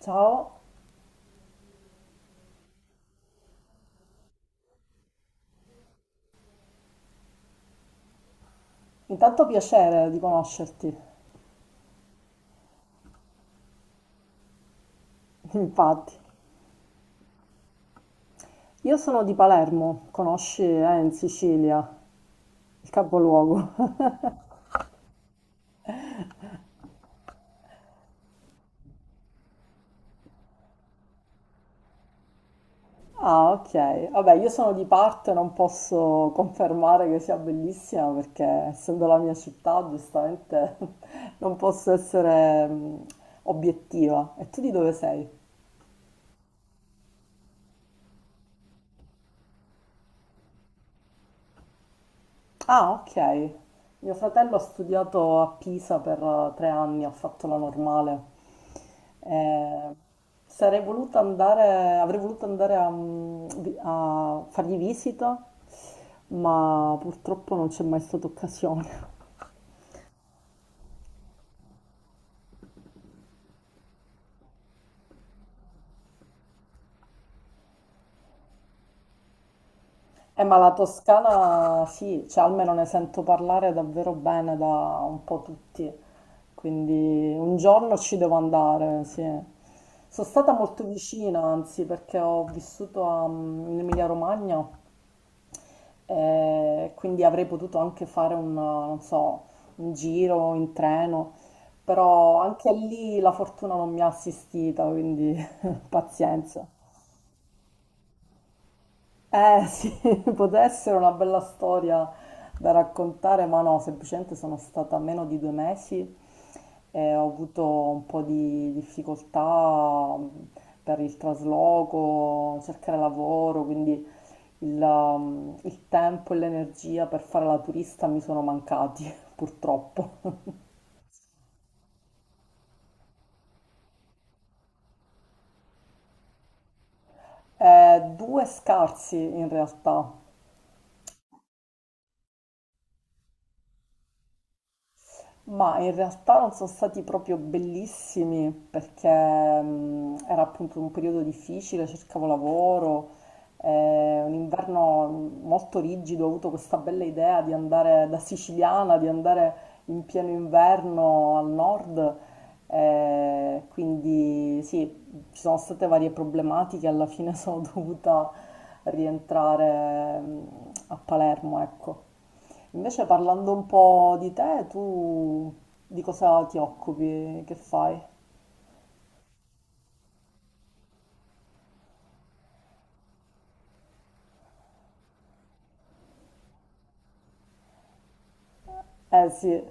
Ciao, intanto piacere di conoscerti, infatti. Io sono di Palermo, conosci, in Sicilia, il capoluogo. Ah, ok. Vabbè, io sono di parte, non posso confermare che sia bellissima perché essendo la mia città, giustamente non posso essere obiettiva. E tu di dove sei? Ah, ok. Mio fratello ha studiato a Pisa per 3 anni, ha fatto la normale. Eh, Avrei voluto andare a fargli visita, ma purtroppo non c'è mai stata occasione. Ma la Toscana sì, cioè almeno ne sento parlare davvero bene da un po' tutti, quindi un giorno ci devo andare, sì. Sono stata molto vicina, anzi, perché ho vissuto in Emilia-Romagna, e quindi avrei potuto anche fare un, non so, un giro in treno, però anche lì la fortuna non mi ha assistita, quindi pazienza. Eh sì, poteva essere una bella storia da raccontare, ma no, semplicemente sono stata meno di 2 mesi e ho avuto un po' di difficoltà per il trasloco, cercare lavoro, quindi il tempo e l'energia per fare la turista mi sono mancati, purtroppo. Due scarsi in realtà. Ma in realtà non sono stati proprio bellissimi perché era appunto un periodo difficile, cercavo lavoro, un inverno molto rigido, ho avuto questa bella idea di andare da siciliana, di andare in pieno inverno al nord, quindi sì, ci sono state varie problematiche, alla fine sono dovuta rientrare a Palermo, ecco. Invece parlando un po' di te, tu di cosa ti occupi, che fai? Eh sì.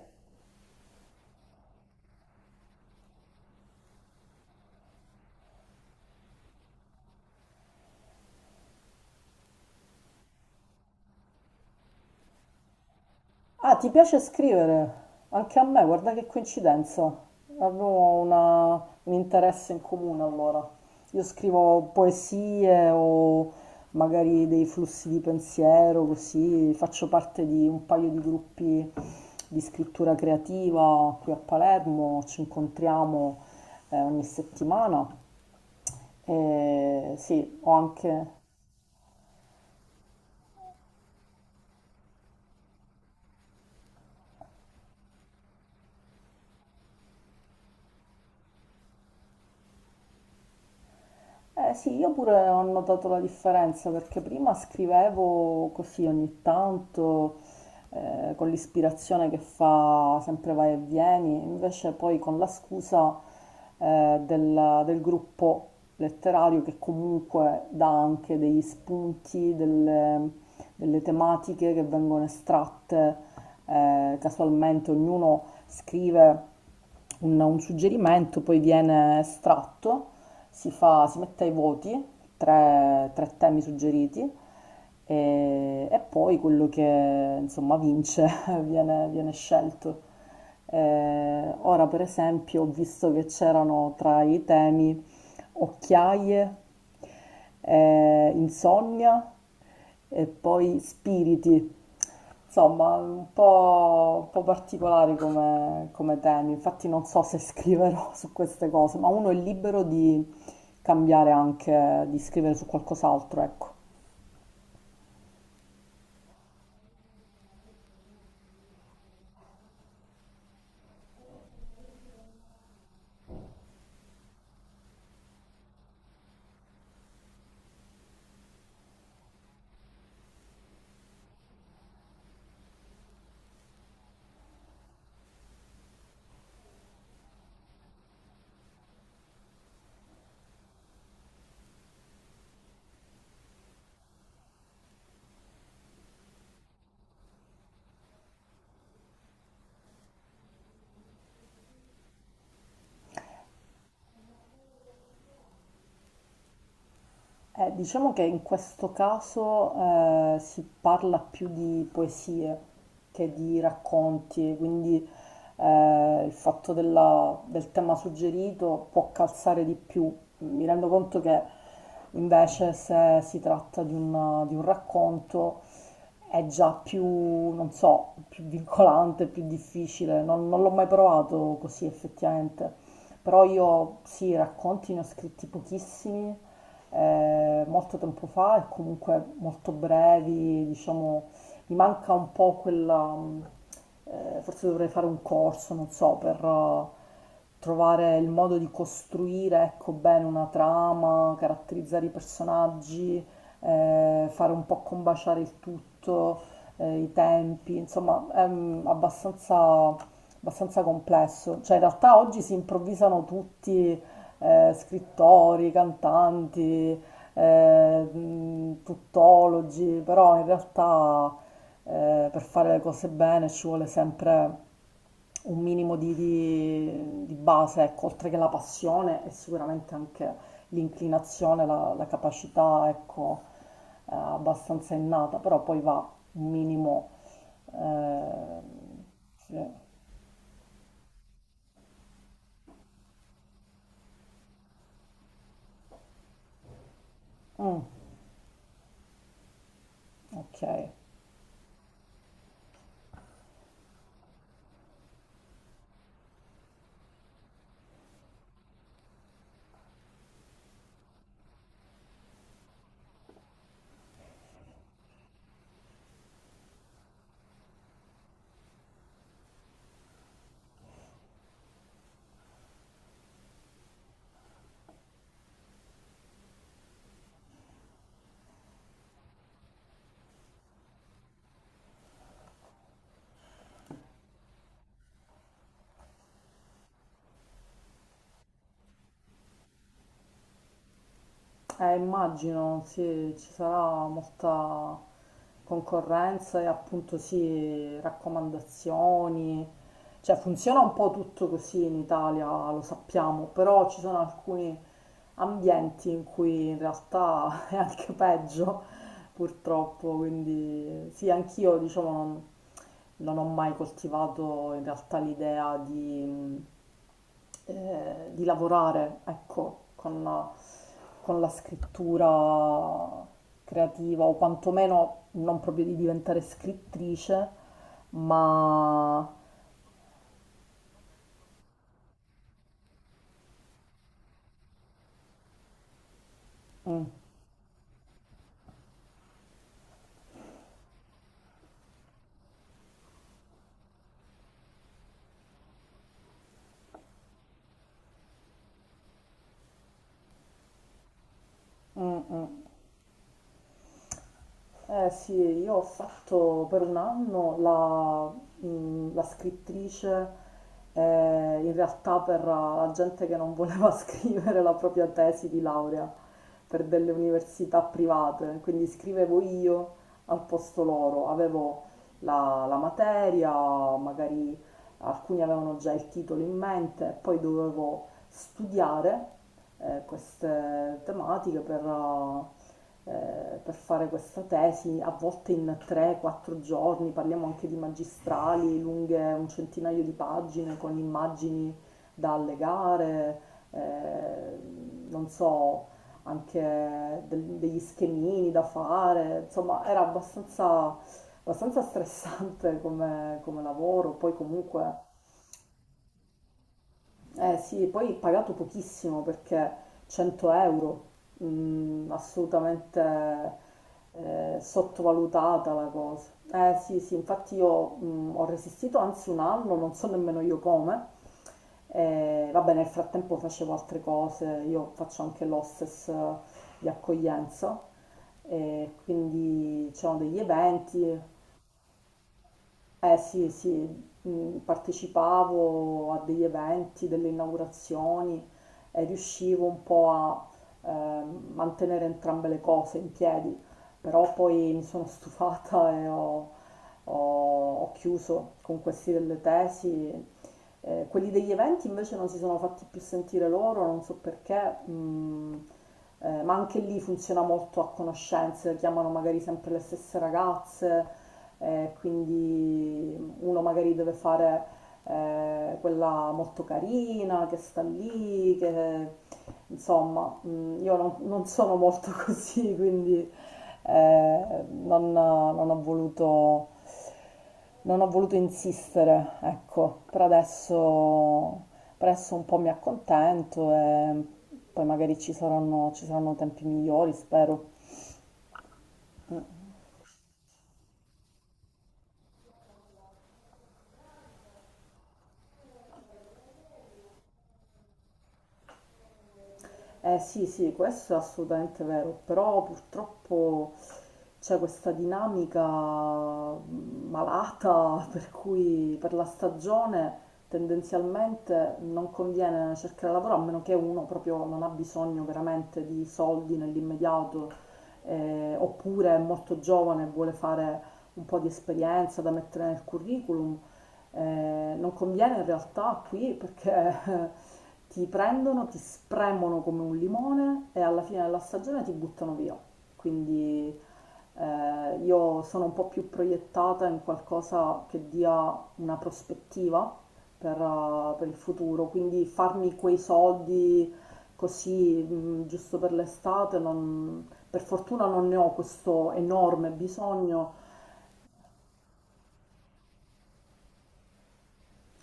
Ah, ti piace scrivere? Anche a me, guarda che coincidenza. Avevo un interesse in comune allora. Io scrivo poesie o magari dei flussi di pensiero, così faccio parte di un paio di gruppi di scrittura creativa qui a Palermo, ci incontriamo ogni settimana. E sì, ho anche. Eh sì, io pure ho notato la differenza perché prima scrivevo così ogni tanto, con l'ispirazione che fa sempre vai e vieni, invece poi con la scusa, del gruppo letterario, che comunque dà anche degli spunti, delle tematiche che vengono estratte, casualmente. Ognuno scrive un suggerimento, poi viene estratto, si fa, si mette ai voti tre temi suggeriti, e poi quello che insomma vince viene scelto. Ora per esempio ho visto che c'erano tra i temi occhiaie, insonnia e poi spiriti. Insomma, un po' particolare come temi, infatti non so se scriverò su queste cose, ma uno è libero di cambiare anche, di scrivere su qualcos'altro, ecco. Diciamo che in questo caso si parla più di poesie che di racconti, quindi il fatto del tema suggerito può calzare di più. Mi rendo conto che invece se si tratta di un racconto è già più, non so, più vincolante, più difficile. Non l'ho mai provato così effettivamente. Però io sì, racconti ne ho scritti pochissimi molto tempo fa, e comunque molto brevi, diciamo, mi manca un po' quella, forse dovrei fare un corso, non so, per trovare il modo di costruire, ecco, bene una trama, caratterizzare i personaggi, fare un po' combaciare il tutto, i tempi, insomma, è abbastanza complesso. Cioè, in realtà oggi si improvvisano tutti scrittori, cantanti, tuttologi, però in realtà per fare le cose bene ci vuole sempre un minimo di base, ecco, oltre che la passione, e sicuramente anche l'inclinazione, la capacità, ecco, abbastanza innata, però poi va un minimo... Eh, sì. Mm, ok. Immagino, sì, ci sarà molta concorrenza e appunto sì, raccomandazioni. Cioè funziona un po' tutto così in Italia, lo sappiamo, però ci sono alcuni ambienti in cui in realtà è anche peggio, purtroppo. Quindi sì, anch'io diciamo non ho mai coltivato in realtà l'idea di lavorare, ecco, con la scrittura creativa, o quantomeno non proprio di diventare scrittrice, ma... Mm, mm, mm. Eh sì, io ho fatto per un anno la scrittrice, in realtà per la gente che non voleva scrivere la propria tesi di laurea per delle università private, quindi scrivevo io al posto loro, avevo la materia, magari alcuni avevano già il titolo in mente, e poi dovevo studiare queste tematiche per fare questa tesi, a volte in 3-4 giorni, parliamo anche di magistrali lunghe un centinaio di pagine con immagini da allegare, eh, non so, anche degli schemini da fare, insomma era abbastanza stressante come lavoro, poi comunque eh sì, poi pagato pochissimo, perché 100 euro, assolutamente sottovalutata la cosa. Eh sì, sì, infatti io ho resistito anzi un anno, non so nemmeno io come. Vabbè, nel frattempo facevo altre cose, io faccio anche l'hostess di accoglienza, e quindi c'erano degli eventi, eh sì, sì, partecipavo a degli eventi, delle inaugurazioni, e riuscivo un po' a eh, mantenere entrambe le cose in piedi, però poi mi sono stufata e ho chiuso con questi delle tesi, quelli degli eventi invece non si sono fatti più sentire loro, non so perché, ma anche lì funziona molto a conoscenze, chiamano magari sempre le stesse ragazze, quindi uno magari deve fare quella molto carina che sta lì, che insomma, io non sono molto così, quindi eh, non, non ho voluto, non ho voluto insistere, ecco, per adesso un po' mi accontento, e poi magari ci saranno tempi migliori, spero. Eh sì, sì, questo è assolutamente vero, però purtroppo c'è questa dinamica malata per cui per la stagione tendenzialmente non conviene cercare lavoro, a meno che uno proprio non ha bisogno veramente di soldi nell'immediato, oppure è molto giovane e vuole fare un po' di esperienza da mettere nel curriculum. Non conviene in realtà qui, perché ti prendono, ti spremono come un limone e alla fine della stagione ti buttano via. Quindi io sono un po' più proiettata in qualcosa che dia una prospettiva per il futuro, quindi farmi quei soldi così giusto per l'estate, per fortuna non ne ho questo enorme bisogno.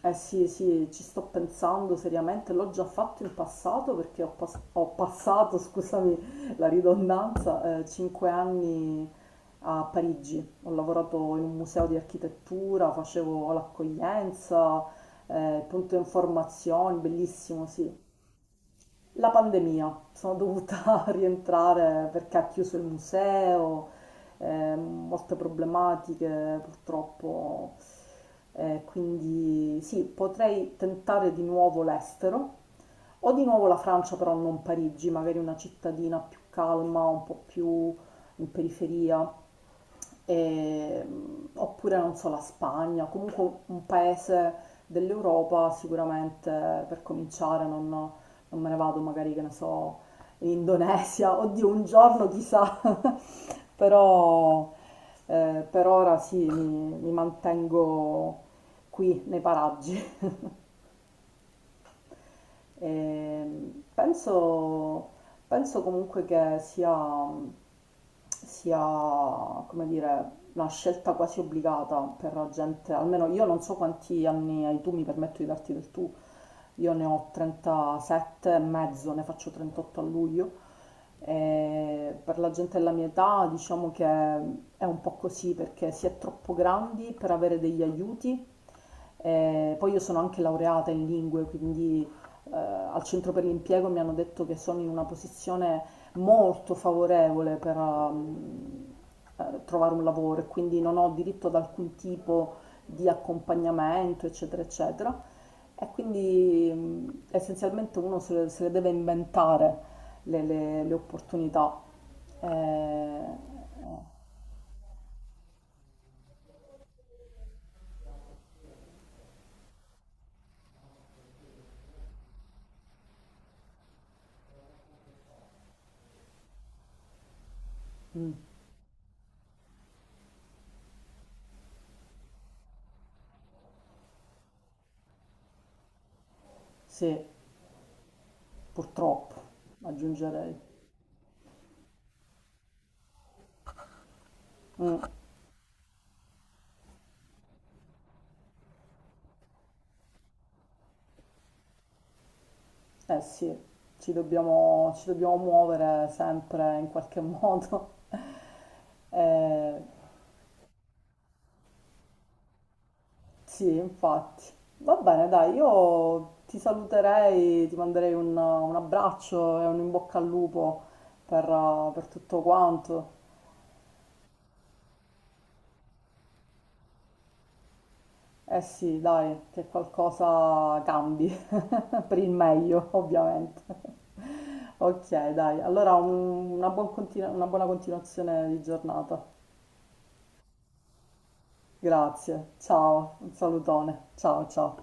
Eh sì, sì, ci sto pensando seriamente, l'ho già fatto in passato perché ho passato, scusami la ridondanza, 5 anni a Parigi. Ho lavorato in un museo di architettura, facevo l'accoglienza, il punto informazioni, bellissimo, sì. La pandemia, sono dovuta rientrare perché ha chiuso il museo, molte problematiche purtroppo, quindi sì, potrei tentare di nuovo l'estero o di nuovo la Francia, però non Parigi, magari una cittadina più calma, un po' più in periferia, e, oppure non so, la Spagna, comunque un paese dell'Europa, sicuramente per cominciare. Non me ne vado magari, che ne so, in Indonesia, oddio, un giorno chissà, però per ora sì, mi mantengo qui nei paraggi. Ehm, penso, Penso comunque che sia, come dire, una scelta quasi obbligata per la gente. Almeno, io non so quanti anni hai tu, mi permetto di darti del tu, io ne ho 37 e mezzo, ne faccio 38 a luglio. E per la gente della mia età diciamo che è un po' così, perché si è troppo grandi per avere degli aiuti. E poi io sono anche laureata in lingue, quindi al centro per l'impiego mi hanno detto che sono in una posizione molto favorevole per trovare un lavoro, e quindi non ho diritto ad alcun tipo di accompagnamento, eccetera, eccetera. E quindi essenzialmente uno se le deve inventare le opportunità. Eh, eh, mm, sì, purtroppo, aggiungerei. Mm. Eh sì, ci dobbiamo muovere sempre in qualche modo. Eh, sì, infatti. Va bene, dai, io ti saluterei, ti manderei un abbraccio e un in bocca al lupo per tutto quanto. Eh sì, dai, che qualcosa cambi, per il meglio, ovviamente. Ok, dai, allora una buona continuazione di giornata. Grazie, ciao, un salutone, ciao ciao.